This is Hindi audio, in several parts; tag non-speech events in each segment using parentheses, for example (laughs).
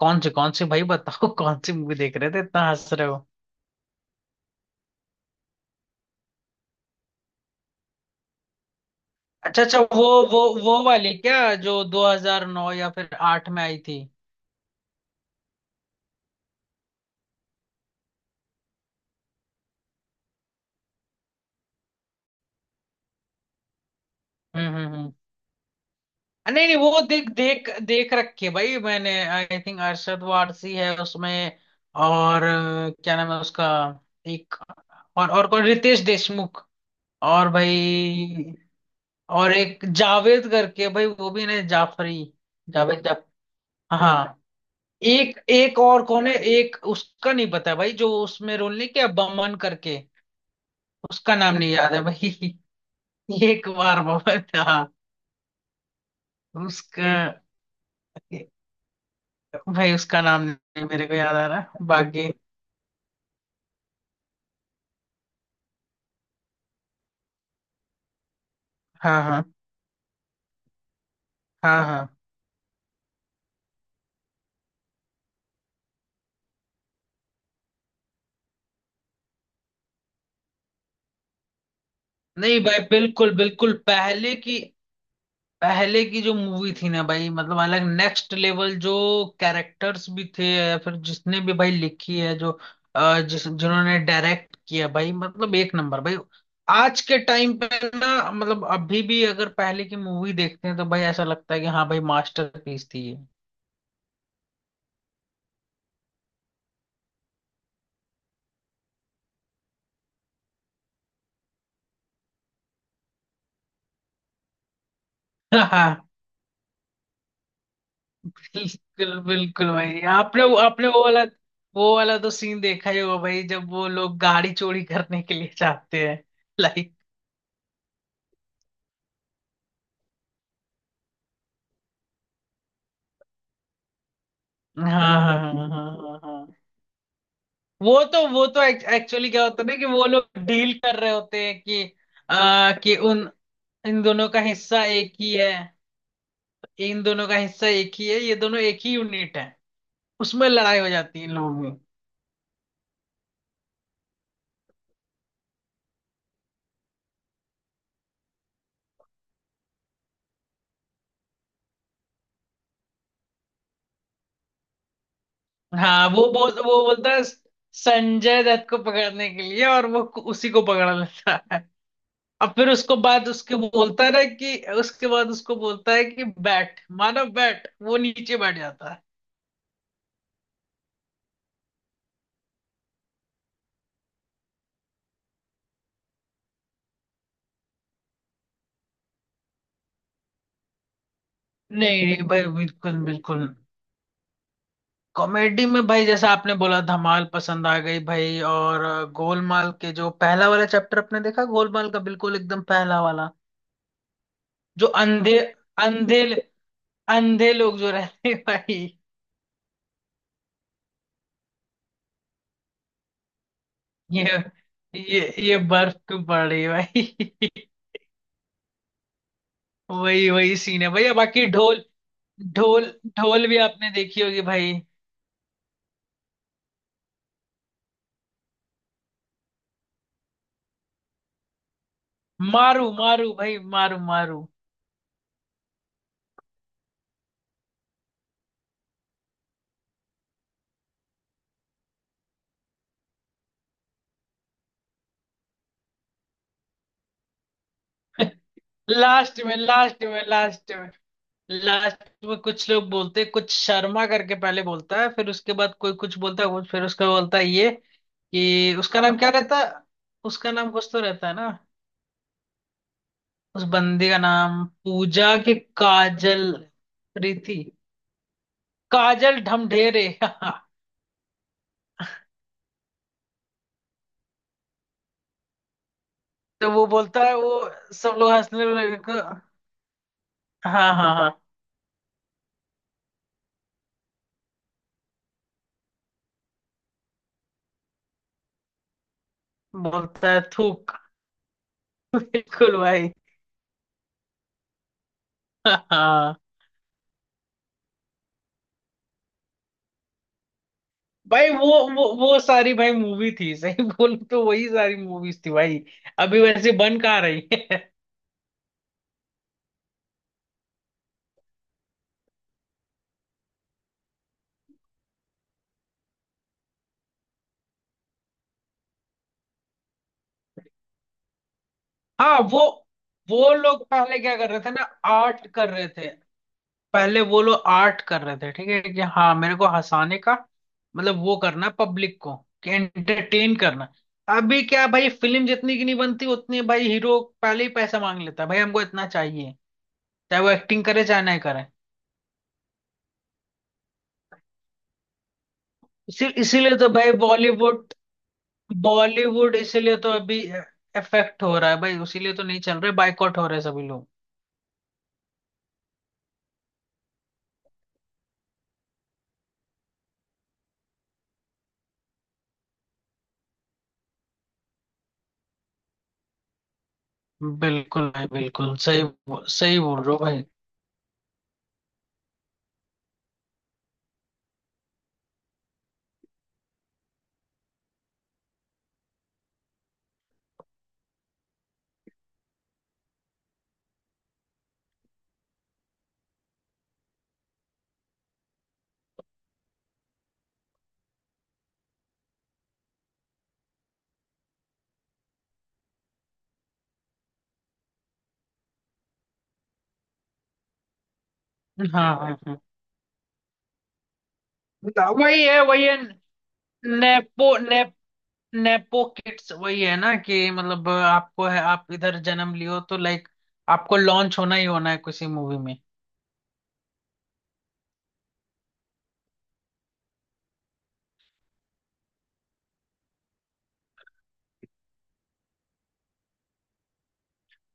कौन सी भाई बताओ। (laughs) कौन सी मूवी देख रहे थे, इतना हंस रहे हो? अच्छा अच्छा, वो वाली क्या, जो 2009 या फिर 8 में आई थी? हम्म। नहीं नहीं, वो देख देख देख रखी है भाई मैंने। आई थिंक अरशद वारसी है उसमें। और क्या नाम है उसका? एक। और कौन, रितेश देशमुख। और भाई, और एक जावेद करके भाई, वो भी ना, जाफरी। जावेद जा, हाँ। एक एक और कौन है, एक उसका नहीं पता भाई, जो उसमें रोल नहीं किया, बमन करके। उसका नाम नहीं याद है भाई। (laughs) एक बार बमन, हाँ। उसका, भाई उसका नाम नहीं मेरे को याद आ रहा बाकी। हाँ हाँ हाँ हाँ। नहीं भाई, बिल्कुल बिल्कुल, पहले की। पहले की जो मूवी थी ना भाई, मतलब अलग नेक्स्ट लेवल, जो कैरेक्टर्स भी थे, या फिर जिसने भी भाई लिखी है, जो जिस जिन्होंने डायरेक्ट किया भाई, मतलब एक नंबर भाई। आज के टाइम पे ना, मतलब अभी भी अगर पहले की मूवी देखते हैं, तो भाई ऐसा लगता है कि हाँ भाई, मास्टरपीस थी ये। हाँ, बिल्कुल बिल्कुल भाई, आपने वो वाला तो सीन देखा ही होगा भाई, जब वो लोग गाड़ी चोरी करने के लिए जाते हैं। लाइक, हाँ हाँ हाँ हाँ हाँ हाँ। वो तो एक्चुअली क्या होता है ना, कि वो लोग डील कर रहे होते हैं कि कि उन, इन दोनों का हिस्सा एक ही है इन दोनों का हिस्सा एक ही है, ये दोनों एक ही यूनिट है। उसमें लड़ाई हो जाती है इन लोगों में। हाँ, वो बोलता है, संजय दत्त को पकड़ने के लिए, और वो उसी को पकड़ लेता है। और फिर उसको बाद उसके बोलता है ना, कि उसके बाद उसको बोलता है कि बैठ, मानो बैठ, वो नीचे बैठ जाता है। नहीं नहीं भाई, बिल्कुल बिल्कुल। कॉमेडी में भाई, जैसा आपने बोला, धमाल पसंद आ गई भाई, और गोलमाल के जो पहला वाला चैप्टर, आपने देखा गोलमाल का, बिल्कुल एकदम पहला वाला, जो अंधे, अंधे अंधे लोग जो रहते हैं भाई। ये ये ये बर्फ क्यों पड़ रही है भाई? (laughs) वही वही सीन है भैया। बाकी ढोल, ढोल ढोल भी आपने देखी होगी भाई। मारू मारू भाई, मारू मारू। (laughs) लास्ट में लास्ट में लास्ट लास्ट में कुछ लोग बोलते, कुछ शर्मा करके पहले बोलता है, फिर उसके बाद कोई कुछ बोलता है, कुछ फिर उसका बोलता है ये, कि उसका नाम क्या रहता है? उसका नाम कुछ तो रहता है ना। उस बंदी का नाम, पूजा के, काजल, प्रीति, काजल ढमढेरे। (laughs) तो वो बोलता है वो, सब लोग हंसने लगे। हाँ हाँ हाँ, बोलता है थूक। बिल्कुल भाई। (laughs) भाई वो, वो सारी भाई मूवी थी, सही (laughs) बोलूं तो वही सारी मूवीज थी भाई। अभी वैसे बन कहाँ रही है? (laughs) हाँ, वो लोग पहले क्या कर रहे थे ना, आर्ट कर रहे थे। पहले वो लोग आर्ट कर रहे थे, ठीक है, कि हाँ मेरे को हंसाने का, मतलब वो करना पब्लिक को, कि एंटरटेन करना। अभी क्या भाई, फिल्म जितनी की नहीं बनती उतनी भाई हीरो पहले ही पैसा मांग लेता है भाई, हमको इतना चाहिए, चाहे वो एक्टिंग करे चाहे ना करे। इसीलिए तो भाई बॉलीवुड, बॉलीवुड इसीलिए तो अभी इफेक्ट हो रहा है भाई, उसीलिए तो नहीं चल रहे, बायकॉट हो रहे सभी लोग। बिल्कुल भाई, बिल्कुल सही, सही बोल रहे हो भाई। हाँ हाँ हाँ। ना, वही है वही है, नेपो ने, नेपो किड्स वही है ना, कि मतलब आपको है, आप इधर जन्म लियो तो लाइक, आपको लॉन्च होना ही होना है किसी मूवी में।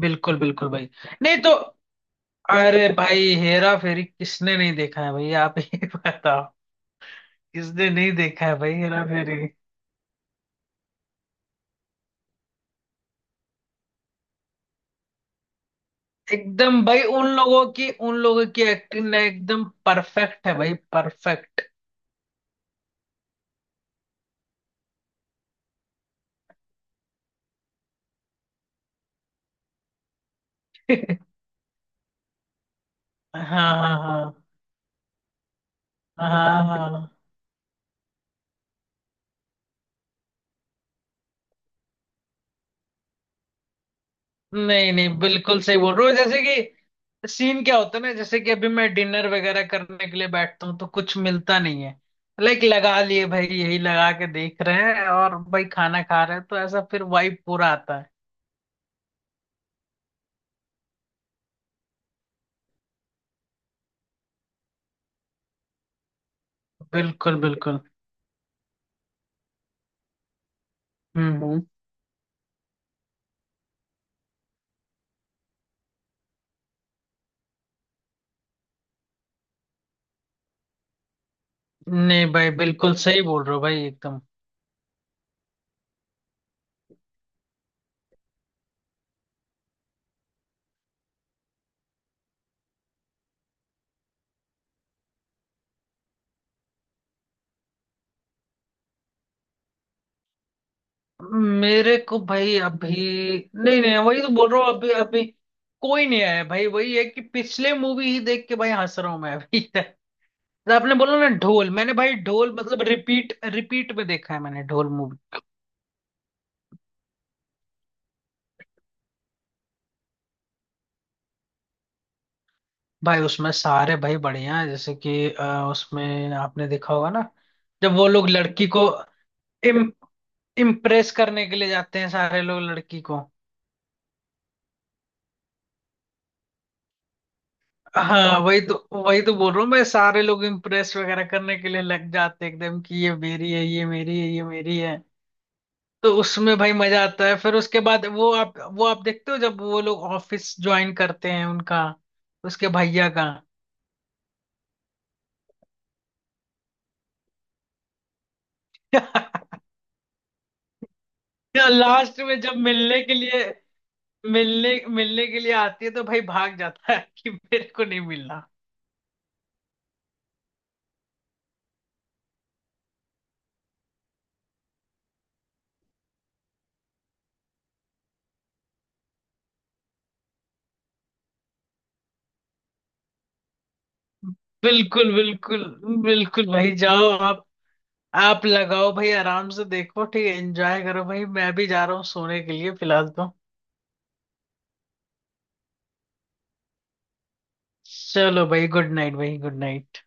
बिल्कुल बिल्कुल भाई। नहीं तो, अरे भाई, हेरा फेरी किसने नहीं देखा है भाई? आप ही (laughs) बताओ, किसने नहीं देखा है भाई हेरा फेरी। एकदम भाई, उन लोगों की एक्टिंग ना एकदम परफेक्ट है भाई, परफेक्ट। (laughs) हाँ हाँ हाँ हाँ हाँ। नहीं नहीं, बिल्कुल सही बोल रहे हो, जैसे कि सीन क्या होता है ना, जैसे कि अभी मैं डिनर वगैरह करने के लिए बैठता हूँ तो कुछ मिलता नहीं है, लाइक लगा लिए भाई, यही लगा के देख रहे हैं और भाई खाना खा रहे हैं, तो ऐसा फिर वाइब पूरा आता है। बिल्कुल बिल्कुल। हम्म हम्म। नहीं भाई, बिल्कुल सही बोल रहे हो भाई, एकदम। मेरे को भाई अभी, नहीं नहीं, वही तो बोल रहा हूँ, अभी अभी कोई नहीं आया भाई, वही है कि पिछले मूवी ही देख के भाई हंस रहा हूँ मैं अभी। (laughs) तो आपने बोला ना ढोल, मैंने भाई ढोल मतलब रिपीट रिपीट में देखा है मैंने ढोल मूवी। भाई उसमें सारे भाई बढ़िया है, जैसे कि उसमें आपने देखा होगा ना, जब वो लोग लड़की को इम, इम्प्रेस करने के लिए जाते हैं, सारे लोग लड़की को। हाँ, वही तो, वही तो बोल रहा हूँ मैं, सारे लोग इम्प्रेस वगैरह करने के लिए लग जाते हैं एकदम, कि ये मेरी है, ये मेरी है, ये मेरी है। तो उसमें भाई मजा आता है, फिर उसके बाद वो आप देखते हो जब वो लोग ऑफिस ज्वाइन करते हैं उनका, उसके भैया का। (laughs) या लास्ट में जब मिलने के लिए, मिलने मिलने के लिए आती है तो भाई भाग जाता है कि मेरे को नहीं मिलना। बिल्कुल बिल्कुल, बिल्कुल भाई, जाओ आप लगाओ भाई, आराम से देखो, ठीक है, एंजॉय करो भाई, मैं भी जा रहा हूँ सोने के लिए फिलहाल तो। चलो भाई, गुड नाइट भाई, गुड नाइट।